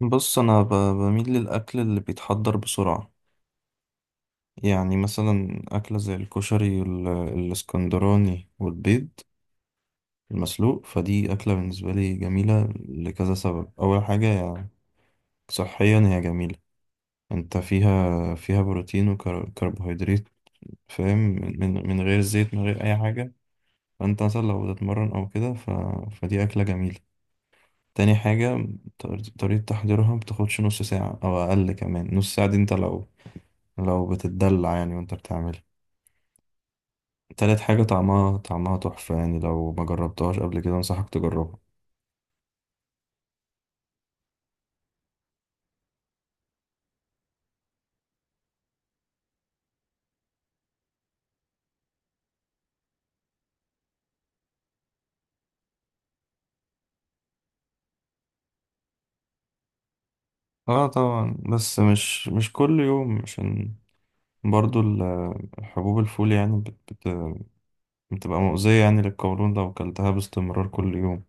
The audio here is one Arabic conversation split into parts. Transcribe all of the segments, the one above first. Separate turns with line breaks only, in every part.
بص انا بميل للاكل اللي بيتحضر بسرعه. يعني مثلا اكله زي الكشري الاسكندراني والبيض المسلوق. فدي اكله بالنسبه لي جميله لكذا سبب. اول حاجه يعني صحيا هي جميله، انت فيها بروتين وكربوهيدرات، فاهم، من غير زيت من غير اي حاجه. فانت مثلا لو بتتمرن او كده فدي اكله جميله. تاني حاجة طريقة تحضيرها بتاخدش نص ساعة أو أقل، كمان نص ساعة دي أنت لو بتتدلع يعني وانت بتعملها. تالت حاجة طعمها تحفة، يعني لو ما جربتهاش قبل كده انصحك تجربها. اه طبعا، بس مش كل يوم، عشان برضو الحبوب، الفول يعني بت بت بتبقى مؤذية يعني للقولون لو أكلتها باستمرار كل يوم.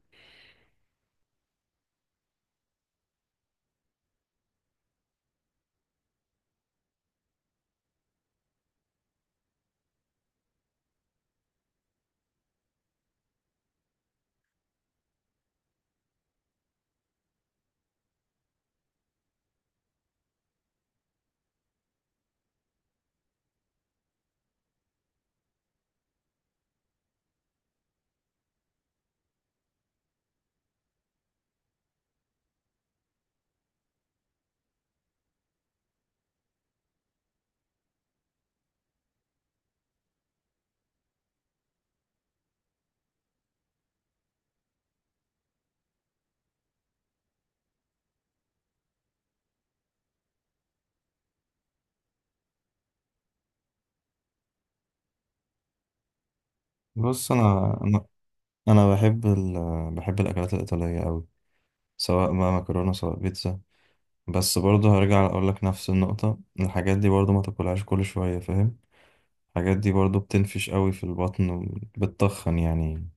بص أنا أنا بحب بحب الأكلات الإيطالية أوي، سواء بقى مكرونة سواء بيتزا. بس برضو هرجع أقولك نفس النقطة، الحاجات دي برضو ما تاكلهاش كل شوية، فاهم. الحاجات دي برضو بتنفش قوي في البطن وبتتخن يعني،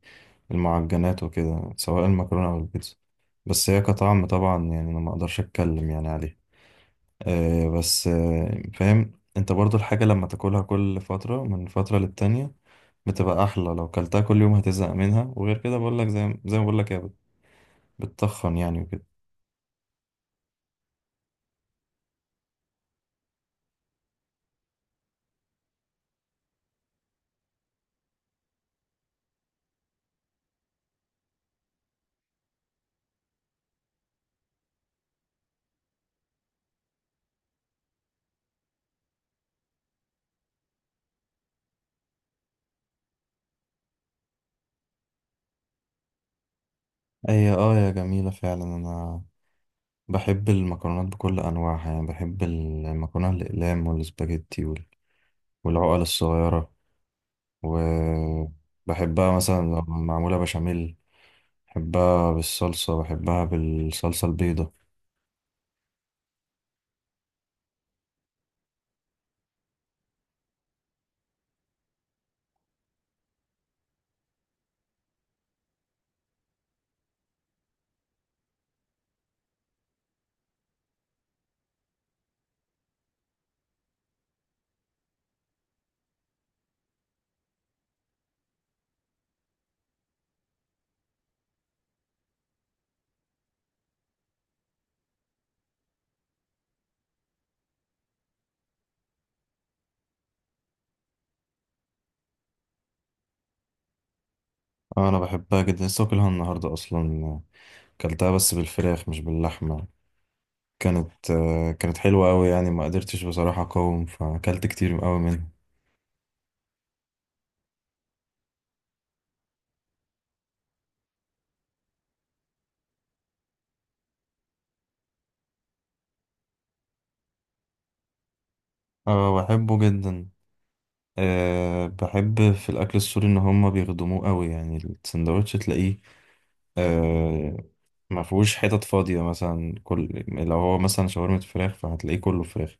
المعجنات وكده سواء المكرونة أو البيتزا. بس هي كطعم طبعا يعني أنا ما أقدرش أتكلم يعني عليها. أه، بس فاهم، أنت برضو الحاجة لما تاكلها كل فترة من فترة للتانية بتبقى أحلى. لو كلتها كل يوم هتزهق منها، وغير كده بقولك، زي ما بقولك، هي بتتخن يعني وكده. هي اه، يا جميلة فعلا. أنا بحب المكرونات بكل أنواعها يعني، بحب المكرونة الأقلام والسباجيتي والعقل الصغيرة، وبحبها مثلا لما معمولة بشاميل، بحبها بالصلصة، بحبها بالصلصة البيضة. آه، أنا بحبها جدا. لسه واكلها النهاردة أصلا، كلتها بس بالفراخ مش باللحمة. كانت حلوة أوي يعني، ما قدرتش بصراحة أقاوم فأكلت كتير أوي منها. اه بحبه جدا. بحب في الأكل السوري إن هما بيخدموه أوي يعني، السندوتش تلاقيه، آه ما فيهوش حتت فاضية مثلا. كل لو هو مثلا شاورما فراخ فهتلاقيه كله فراخ،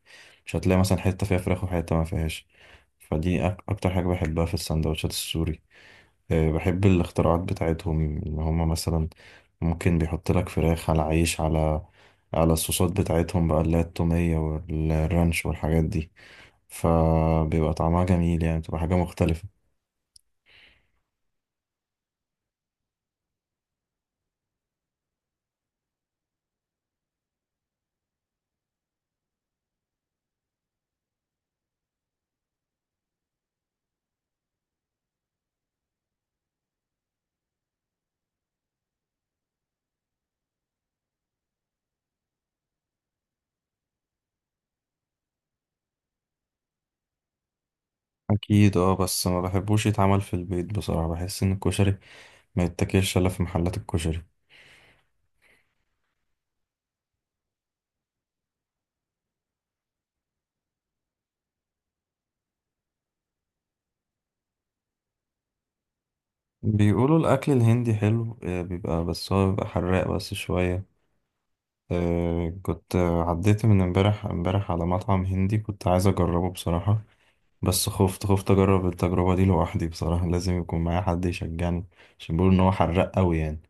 مش هتلاقي مثلا حتة فيها فراخ وحتة ما فيهاش. فدي أكتر حاجة بحبها في السندوتشات السوري. آه بحب الاختراعات بتاعتهم، إن هما مثلا ممكن بيحط لك فراخ على عيش، على الصوصات بتاعتهم بقى، اللي هي التومية والرانش والحاجات دي، فبيبقى طعمها جميل يعني، بتبقى حاجة مختلفة. أكيد اه، بس ما بحبوش يتعمل في البيت بصراحة، بحس إن الكشري ما يتاكلش الا في محلات الكشري. بيقولوا الاكل الهندي حلو، بيبقى، بس هو بيبقى حراق بس شويه. كنت، عديت من امبارح امبارح على مطعم هندي كنت عايز اجربه بصراحه، بس خفت اجرب التجربه دي لوحدي بصراحه. لازم يكون معايا حد يشجعني، عشان بيقولوا ان هو حراق قوي يعني.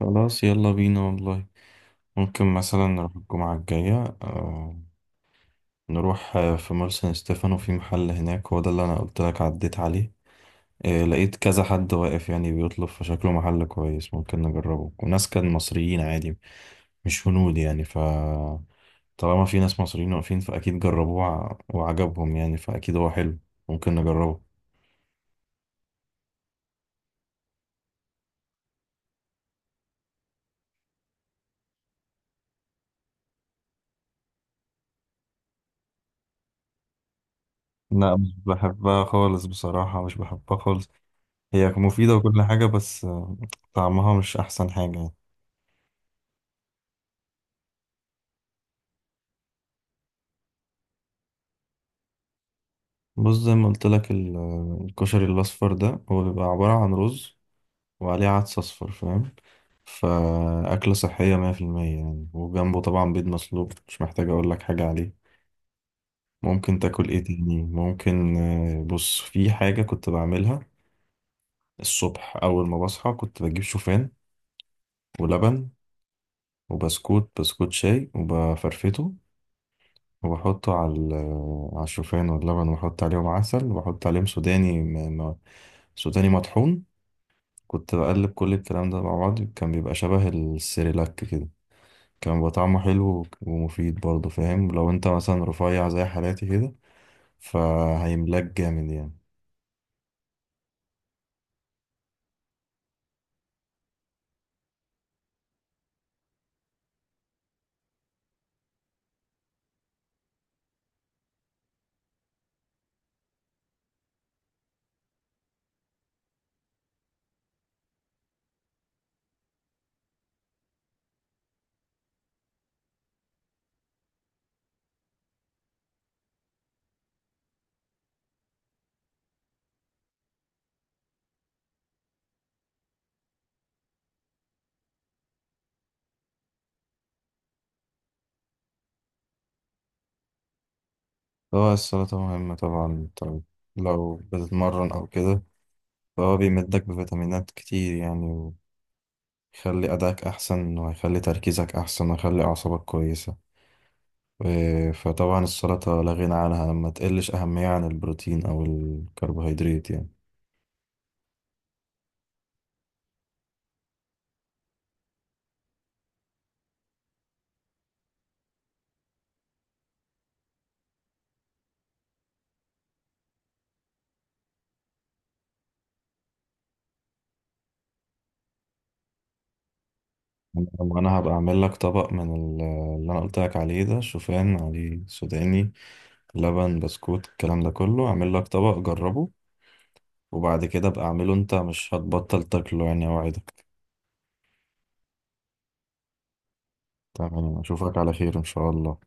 خلاص يلا بينا والله، ممكن مثلا نروح الجمعه الجايه. آه، نروح، في مول سان ستيفانو، في محل هناك، هو ده اللي انا قلت لك عديت عليه. لقيت كذا حد واقف يعني بيطلب، فشكله محل كويس ممكن نجربه، وناس كان مصريين عادي مش هنود يعني. طالما في ناس مصريين واقفين فاكيد جربوه وعجبهم يعني، فاكيد هو حلو، ممكن نجربه. لا مش بحبها خالص بصراحة، مش بحبها خالص. هي مفيدة وكل حاجة بس طعمها مش أحسن حاجة يعني. بص زي ما قلت لك الكشري الأصفر ده، هو بيبقى عبارة عن رز وعليه عدس أصفر، فاهم، فأكلة صحية 100% يعني، وجنبه طبعا بيض مسلوق مش محتاج أقول لك حاجة عليه. ممكن تاكل إيه تاني؟ ممكن بص، في حاجة كنت بعملها الصبح أول ما بصحى، كنت بجيب شوفان ولبن وبسكوت شاي وبفرفته، وبحطه على على الشوفان واللبن، وبحط عليهم عسل، وبحط عليهم سوداني مطحون. كنت بقلب كل الكلام ده مع بعض، كان بيبقى شبه السيريلاك كده، كان بيبقى طعمه حلو ومفيد برضه، فاهم. لو انت مثلا رفيع زي حالاتي كده فهيملاك جامد يعني. هو السلطة مهمة طبعا، طب لو بتتمرن أو كده فهو بيمدك بفيتامينات كتير يعني، ويخلي أداك أحسن، وهيخلي تركيزك أحسن، ويخلي أعصابك كويسة، فطبعا السلطة لا غنى عنها، ما تقلش أهمية عن البروتين أو الكربوهيدرات يعني. وأنا هبقى أعمل لك طبق من اللي أنا قلت لك عليه ده، شوفان عليه سوداني، لبن، بسكوت، الكلام ده كله، اعمل لك طبق جربه، وبعد كده ابقى اعمله انت، مش هتبطل تاكله يعني، اوعدك. تمام، اشوفك على خير ان شاء الله.